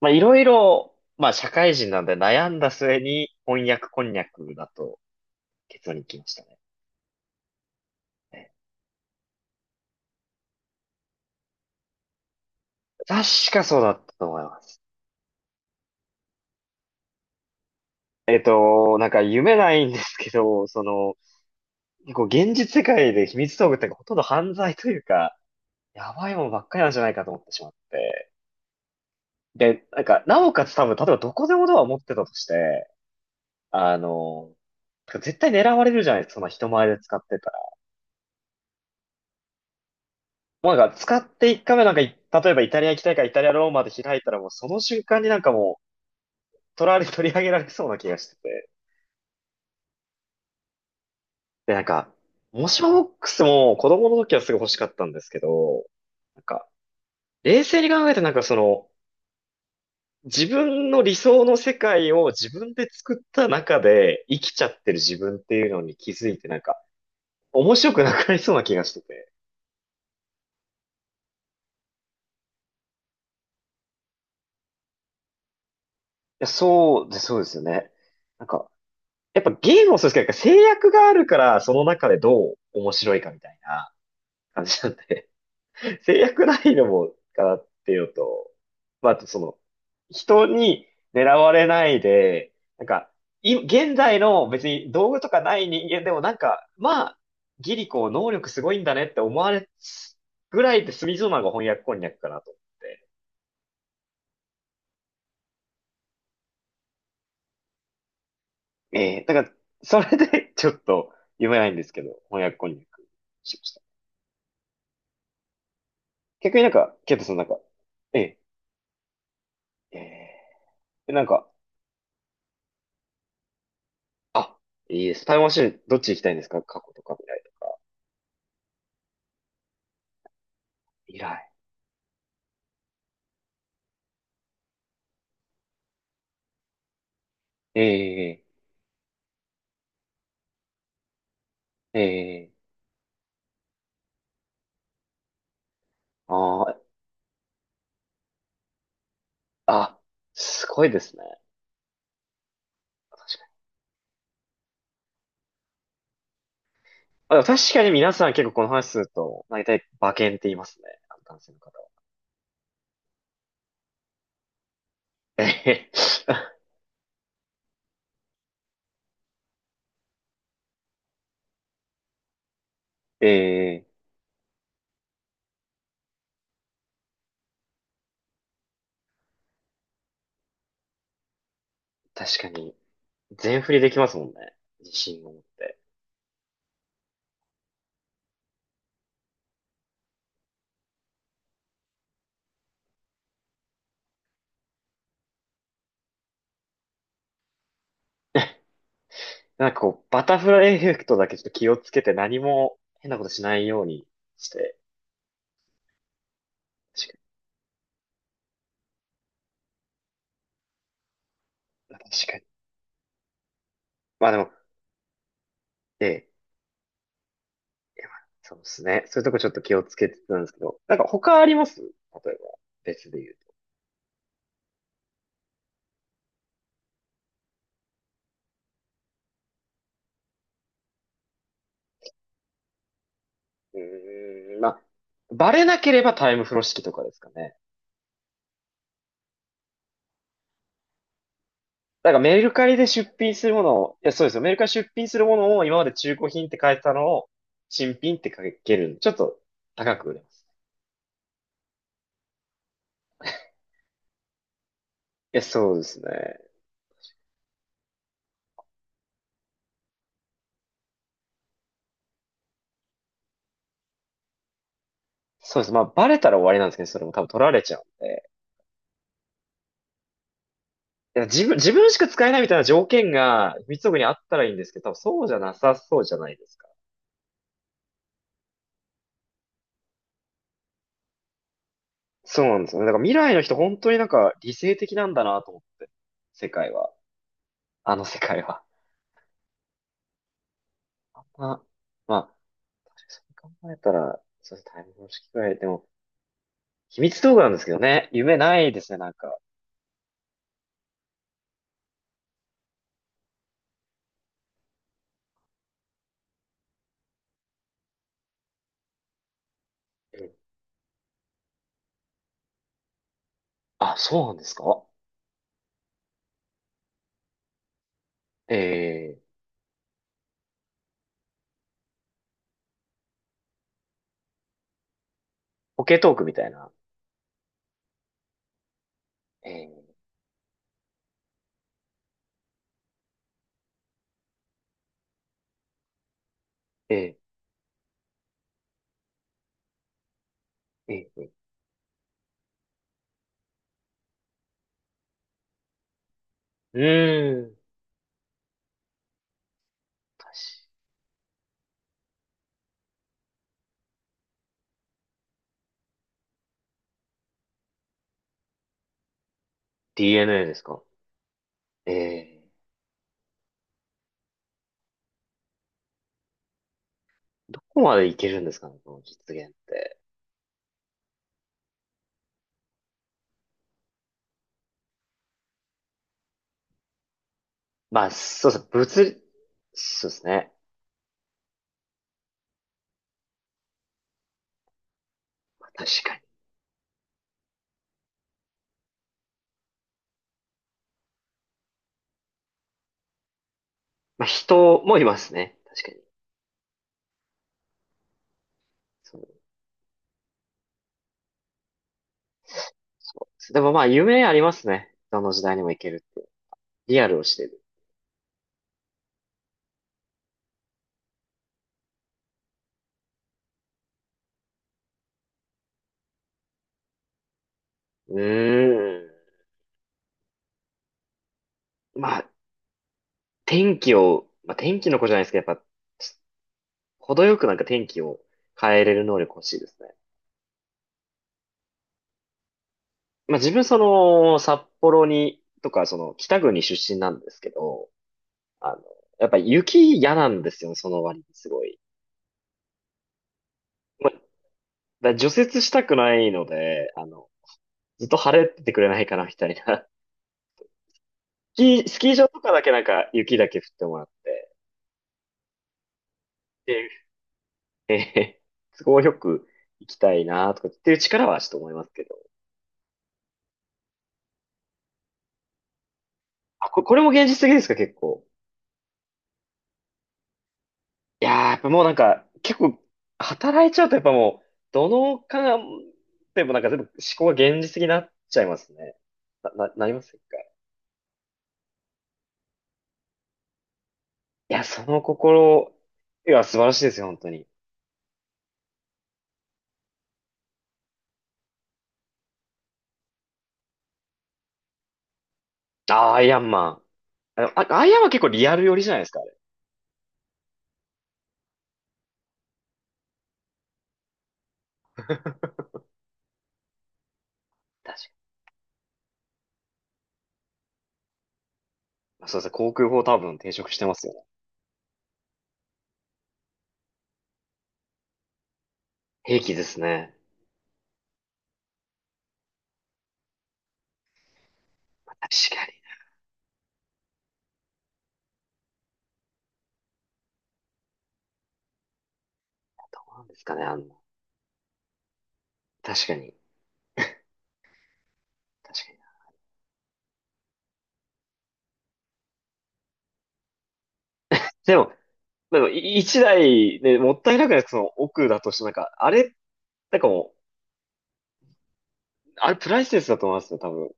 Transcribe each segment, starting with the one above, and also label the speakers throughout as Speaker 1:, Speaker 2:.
Speaker 1: まあ、いろいろ、まあ、社会人なんで悩んだ末に、翻訳こんにゃくだと結論に来ましたね。確かそうだったと思います。なんか夢ないんですけど、その、結構現実世界で秘密道具ってほとんど犯罪というか、やばいもんばっかりなんじゃないかと思ってしまって。で、なんか、なおかつ多分、例えばどこでもドアを持ってたとして、あの、絶対狙われるじゃないですか、その人前で使ってたら。もうなんか使って1回目なんかい、例えばイタリア行きたいからイタリアローマで開いたらもうその瞬間になんかもう取り上げられそうな気がしてて。で、なんか、モションボックスも子供の時はすごい欲しかったんですけど、なんか、冷静に考えてなんかその、自分の理想の世界を自分で作った中で生きちゃってる自分っていうのに気づいてなんか、面白くなくなりそうな気がしてて。いや、そうですよね。なんか、やっぱゲームもそうですけど、制約があるから、その中でどう面白いかみたいな感じなんで、制約ないのもかなっていうのと、まあ、あとその、人に狙われないで、なんか、現在の別に道具とかない人間でもなんか、まあ、ギリコ能力すごいんだねって思われぐらいで済みそうなのが翻訳こんにゃくかなと思って。ええだから、それでちょっと読めないんですけど、翻訳こんにゃくしました。逆になんか、ケイトさんなんか、ええ、ええ、なんか、あ、いいです。タイムマシン、どっち行きたいんですか過去とか未来とか。未来。ええ、ええ、あー、あ、すごいですね。あ、でも確かに皆さん結構この話すると、大体馬券って言いますね。あの男性の方は。ええ、ええ、確かに、全振りできますもんね。自信を持って。なんかこう、バタフライエフェクトだけちょっと気をつけて何も変なことしないようにして。確かに、確かに。まあでも、ええ、いやまあそうですね。そういうとこちょっと気をつけてたんですけど、なんか他あります例えば、別で言うと。うーん、まあ、バレなければタイム風呂敷とかですかね。だからメルカリで出品するものを、いや、そうですよ。メルカリ出品するものを今まで中古品って書いてたのを、新品って書けるんで、ちょっと高く売れます。いや、そうですね。そうです。まあ、バレたら終わりなんですけど、それも多分取られちゃうんで。いや、自分しか使えないみたいな条件が、三つ奥にあったらいいんですけど、多分そうじゃなさそうじゃないですか。そうなんですよね。だから未来の人本当になんか理性的なんだなと思って。世界は。あの世界は。まあ、まあ、そう考えたら、そうですね、タイム方式くらい。でも、秘密道具なんですけどね。夢ないですね、なんか。うん、あ、そうなんですか。ええ、ポケトークみたいな。ええ、えー、えー、えー、うーん。確か DNA ですか。ええ、どこまでいけるんですかね、この実現って。まあ、そうですね、物理、そうですね。まあ確かに。まあ、人もいますね。確かに。そう、そうです。でもまあ、夢ありますね。どの時代にも行けるって。リアルをしてる。うーん。まあ、天気を、まあ、天気の子じゃないですけど、やっぱ、程よくなんか天気を変えれる能力欲しいですね。まあ、自分その、札幌に、とか、その、北国出身なんですけど、あの、やっぱ雪嫌なんですよね、その割にすごい。まあ、だから除雪したくないので、あの、ずっと晴れててくれないかな、みたいなスキー場とかだけなんか雪だけ降ってもらって、で、え都合よく行きたいなとかっていう力はちょっと思いますけど。あ、これも現実的ですか、結構。いやー、やっぱもうなんか、結構、働いちゃうとやっぱもう、どのかでもなんか全部思考が現実的になっちゃいますね。なりませんか。いや、その心、いや、素晴らしいですよ、本当に。あー、アイアンマン。あの、アイアンマン結構リアル寄りじゃないですか、あれ。確かに。そうですね、航空法多分転職してますよね。兵器ですね。確かに。どうなんですかね、あの、確かに。確かに。でも、でも、一台ね、もったいなくないその奥だとして、なんか、あれ、なんかもう、あれプライスレスだと思いますよ、多分。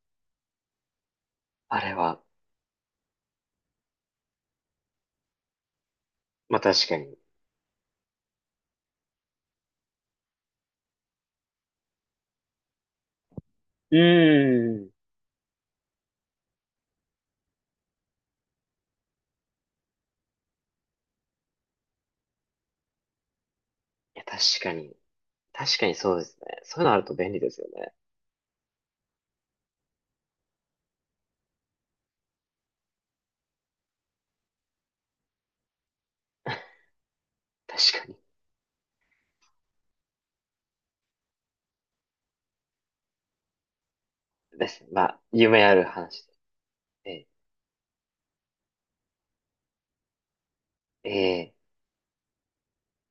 Speaker 1: あれは。まあ確かに。うーん。いや、確かに。確かにそうですね。そういうのあると便利ですよね。確かに。です。まあ、夢ある話で。ええ。ええ